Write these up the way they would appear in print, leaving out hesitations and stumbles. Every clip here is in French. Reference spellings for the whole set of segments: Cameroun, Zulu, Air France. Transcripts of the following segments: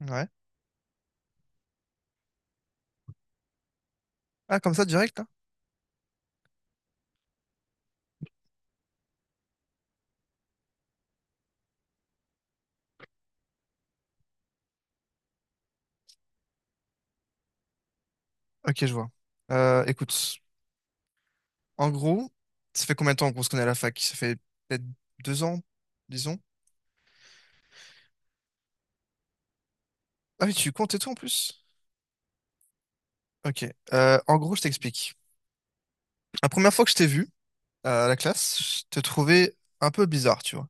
Ouais. Ah, comme ça, direct, là? Ok, je vois. Écoute, en gros, ça fait combien de temps qu'on se connaît à la fac? Ça fait peut-être 2 ans, disons. Ah oui, tu comptes et tout en plus? Ok. En gros, je t'explique. La première fois que je t'ai vu à la classe, je te trouvais un peu bizarre, tu vois.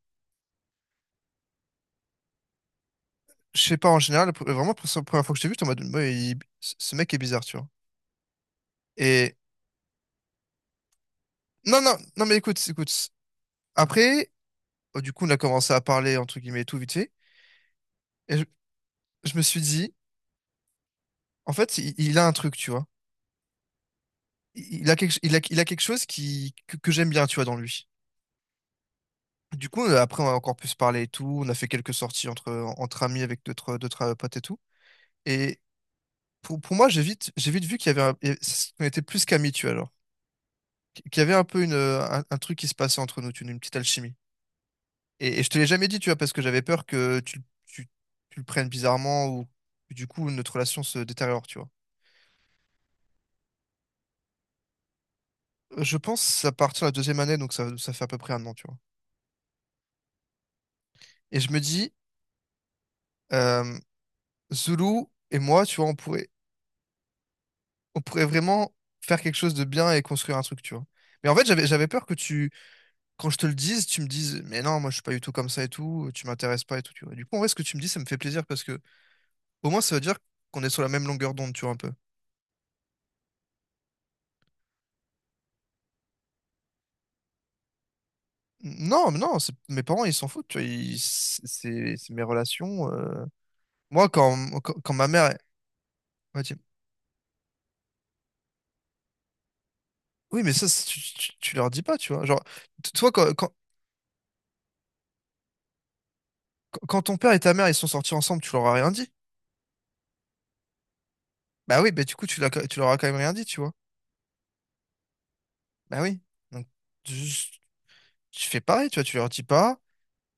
Je sais pas, en général, vraiment, la première fois que je t'ai vu, j'étais en mode, ouais, ce mec est bizarre, tu vois. Et non, non, non, mais écoute, écoute. Après, du coup, on a commencé à parler, entre guillemets, et tout vite fait. Et je me suis dit, en fait, il a un truc, tu vois. Il a quelque chose qui, que j'aime bien, tu vois, dans lui. Du coup, après, on a encore pu se parler et tout. On a fait quelques sorties entre amis avec d'autres, potes et tout. Et pour moi, j'ai vite vu qu'il y avait qu'on était plus qu'amis, tu vois, alors. Qu'il y avait un peu un truc qui se passait entre nous, tu vois, une petite alchimie. Et je te l'ai jamais dit, tu vois, parce que j'avais peur que tu, tu le prennes bizarrement ou que du coup, notre relation se détériore, tu vois. Je pense à partir de la deuxième année, donc ça fait à peu près un an, tu vois. Et je me dis, euh, Zulu et moi, tu vois, on pourrait vraiment faire quelque chose de bien et construire un truc, tu vois. Mais en fait, j'avais peur que quand je te le dise, tu me dises, mais non, moi, je suis pas du tout comme ça et tout, tu m'intéresses pas et tout, tu vois. Du coup, en vrai, ce que tu me dis, ça me fait plaisir parce que au moins, ça veut dire qu'on est sur la même longueur d'onde, tu vois, un peu. Non, mais non, mes parents, ils s'en foutent, tu vois, c'est mes relations. Moi, quand ma mère, ouais, oui, mais ça, tu leur dis pas, tu vois. Genre, toi, quand ton père et ta mère, ils sont sortis ensemble, tu leur as rien dit. Bah oui, bah du coup, tu l'as, tu leur as quand même rien dit, tu vois. Bah oui. Donc, tu, tu fais pareil, tu vois, tu leur dis pas,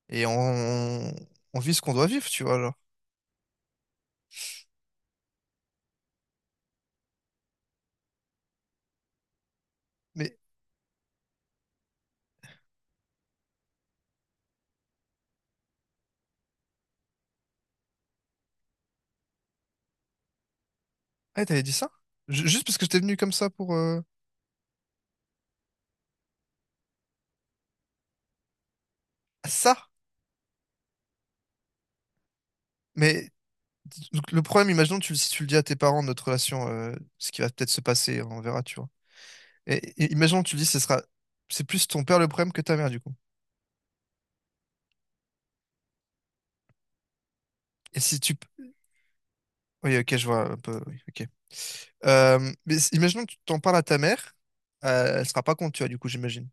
et on, on vit ce qu'on doit vivre, tu vois, alors. Mais, ah, t'avais dit ça? Juste parce que j'étais venu comme ça pour, ah, ça? Mais, donc, le problème, imaginons, si tu le dis à tes parents, de notre relation, ce qui va peut-être se passer, on verra, tu vois. Et, et imaginons, tu le dis, c'est plus ton père le problème que ta mère, du coup. Et si tu, oui, ok, je vois un peu, oui, ok. Mais imaginons que tu t'en parles à ta mère, elle sera pas contre, tu vois, du coup, j'imagine.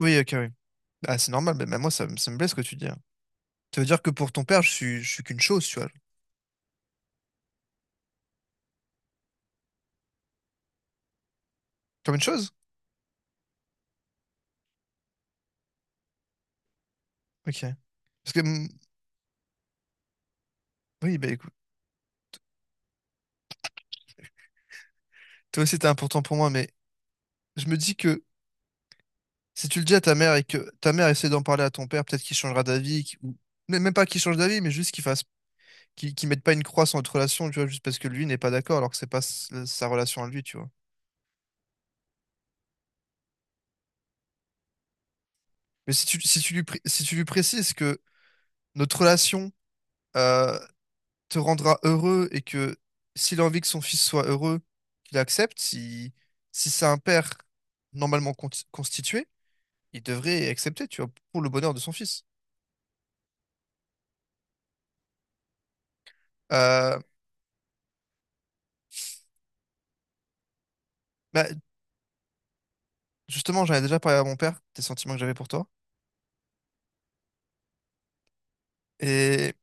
Oui, ok, oui. Ah, c'est normal, mais même moi, ça me blesse ce que tu dis, hein. Ça veut dire que pour ton père, je suis qu'une chose, tu vois. Comme une chose? Ok. Parce que, oui, bah écoute, toi aussi, t'es important pour moi, mais je me dis que si tu le dis à ta mère et que ta mère essaie d'en parler à ton père, peut-être qu'il changera d'avis, ou mais même pas qu'il change d'avis, mais juste qu'il fasse, qu'il mette pas une croix sur notre relation, tu vois, juste parce que lui n'est pas d'accord, alors que c'est pas sa relation à lui, tu vois. Mais si tu, si tu lui, pré- si tu lui précises que notre relation, euh, te rendra heureux et que s'il a envie que son fils soit heureux, qu'il accepte, si c'est un père normalement constitué, il devrait accepter, tu vois, pour le bonheur de son fils. Euh, Bah, justement, j'en ai déjà parlé à mon père des sentiments que j'avais pour toi. Et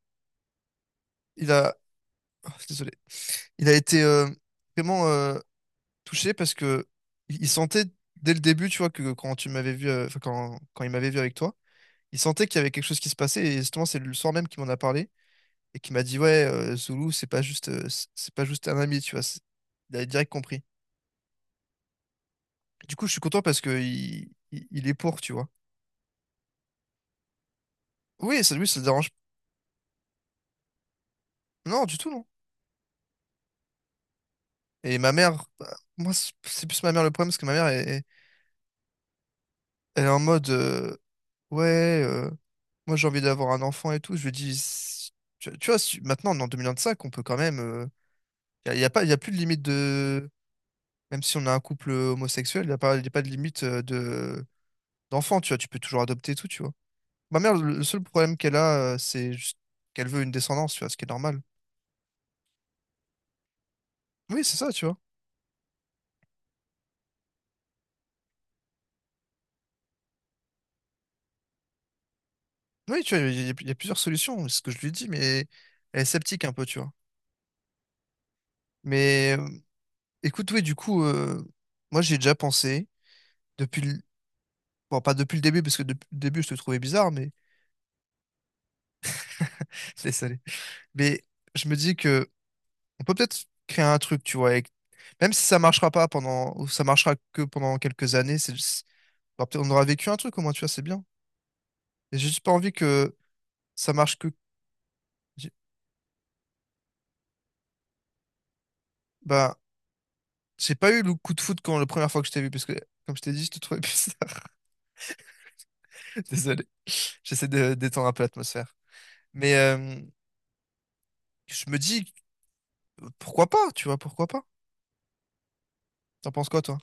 il a, oh, désolé, il a été vraiment touché parce que il sentait dès le début, tu vois, que quand tu m'avais vu, enfin, quand il m'avait vu avec toi, il sentait qu'il y avait quelque chose qui se passait. Et justement, c'est le soir même qu'il m'en a parlé, et qui m'a dit, ouais, Zoulou, c'est pas juste c'est pas juste un ami, tu vois, il a direct compris. Du coup, je suis content parce que il est pour, tu vois. Oui, ça lui, ça le dérange, non, du tout, non. Et ma mère, bah, moi c'est plus ma mère le problème parce que elle est en mode, ouais, moi j'ai envie d'avoir un enfant et tout, je lui dis, tu vois, maintenant on est en cinq, on peut quand même, il y, a y a pas, il y a plus de limite de, même si on a un couple homosexuel, il n'y a pas y a pas de limite, de d'enfant, tu vois, tu peux toujours adopter et tout, tu vois. Ma mère, le seul problème qu'elle a, c'est juste qu'elle veut une descendance, tu vois, ce qui est normal. Oui, c'est ça, tu vois. Oui, tu vois, il y a plusieurs solutions, c'est ce que je lui dis, mais elle est sceptique un peu, tu vois. Mais écoute, oui, du coup, moi, j'ai déjà pensé, depuis le... bon, pas depuis le début, parce que depuis le début, je te trouvais bizarre, mais laisse aller. Mais je me dis que on peut peut-être créer un truc, tu vois, avec... même si ça marchera pas pendant, ou ça marchera que pendant quelques années, bah, peut-être on aura vécu un truc au moins, tu vois, c'est bien. Et j'ai juste pas envie que ça marche que. Bah, j'ai pas eu le coup de foudre quand la première fois que je t'ai vu, parce que, comme je t'ai dit, je te trouvais bizarre. Désolé. J'essaie de détendre un peu l'atmosphère. Mais je me dis, pourquoi pas, tu vois, pourquoi pas? T'en penses quoi, toi?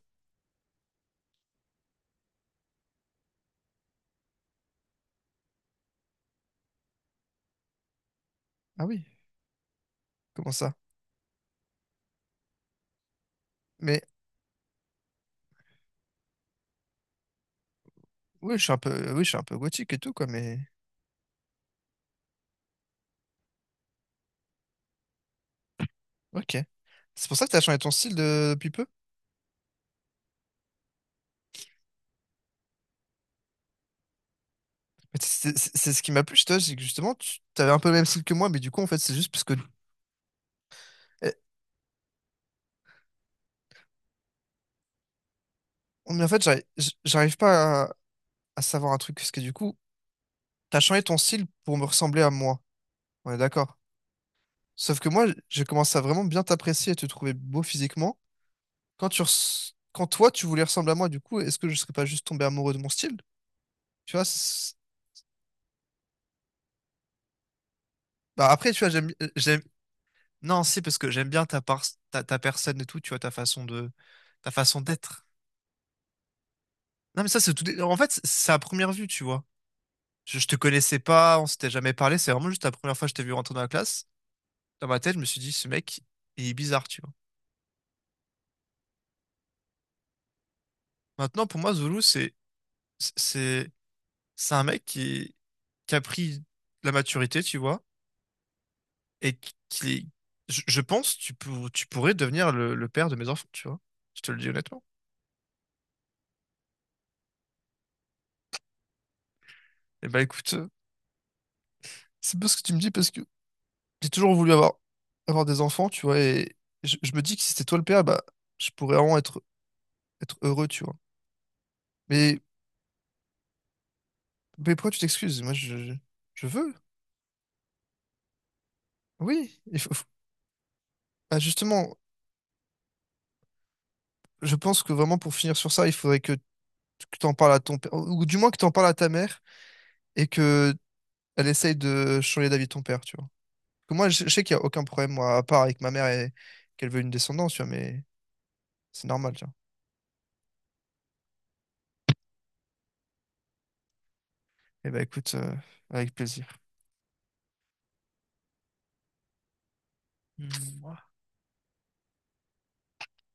Ah oui, comment ça? Mais oui, je suis un peu, oui, je suis un peu gothique et tout, quoi, mais ok. C'est pour ça que t'as changé ton style depuis peu? Mais c'est ce qui m'a plu chez toi, c'est que justement, tu avais un peu le même style que moi, mais du coup, en fait, c'est juste parce que. Eh, mais en fait, j'arrive pas à, à savoir un truc, parce que du coup, t'as changé ton style pour me ressembler à moi. On est d'accord? Sauf que moi, j'ai commencé à vraiment bien t'apprécier et te trouver beau physiquement. Quand toi, tu voulais ressembler à moi, du coup, est-ce que je serais pas juste tombé amoureux de mon style? Tu vois, c'est... bah après, tu vois, non, si, parce que j'aime bien ta ta personne et tout, tu vois, ta façon d'être. Non, mais ça, c'est tout, en fait, c'est à première vue, tu vois. Je te connaissais pas, on s'était jamais parlé, c'est vraiment juste la première fois que je t'ai vu rentrer dans la classe. Dans ma tête, je me suis dit, ce mec, il est bizarre, tu vois. Maintenant, pour moi, Zulu, c'est, c'est un mec qui a pris la maturité, tu vois, et qui, est- je pense, tu pourrais devenir le père de mes enfants, tu vois. Je te le dis honnêtement. Et bah écoute, c'est bien ce que tu me dis parce que j'ai toujours voulu avoir, des enfants, tu vois, et je me dis que si c'était toi le père, bah, je pourrais vraiment être heureux, tu vois. Mais, mais pourquoi tu t'excuses? Moi, je veux. Oui, bah, justement, je pense que vraiment pour finir sur ça, il faudrait que tu en parles à ton père, ou du moins que tu en parles à ta mère, et que elle essaye de changer d'avis de ton père, tu vois. Que moi, je sais qu'il n'y a aucun problème, moi, à part avec ma mère et qu'elle veut une descendance, tu vois, mais c'est normal, tu vois. Eh ben, écoute, avec plaisir. Hmm.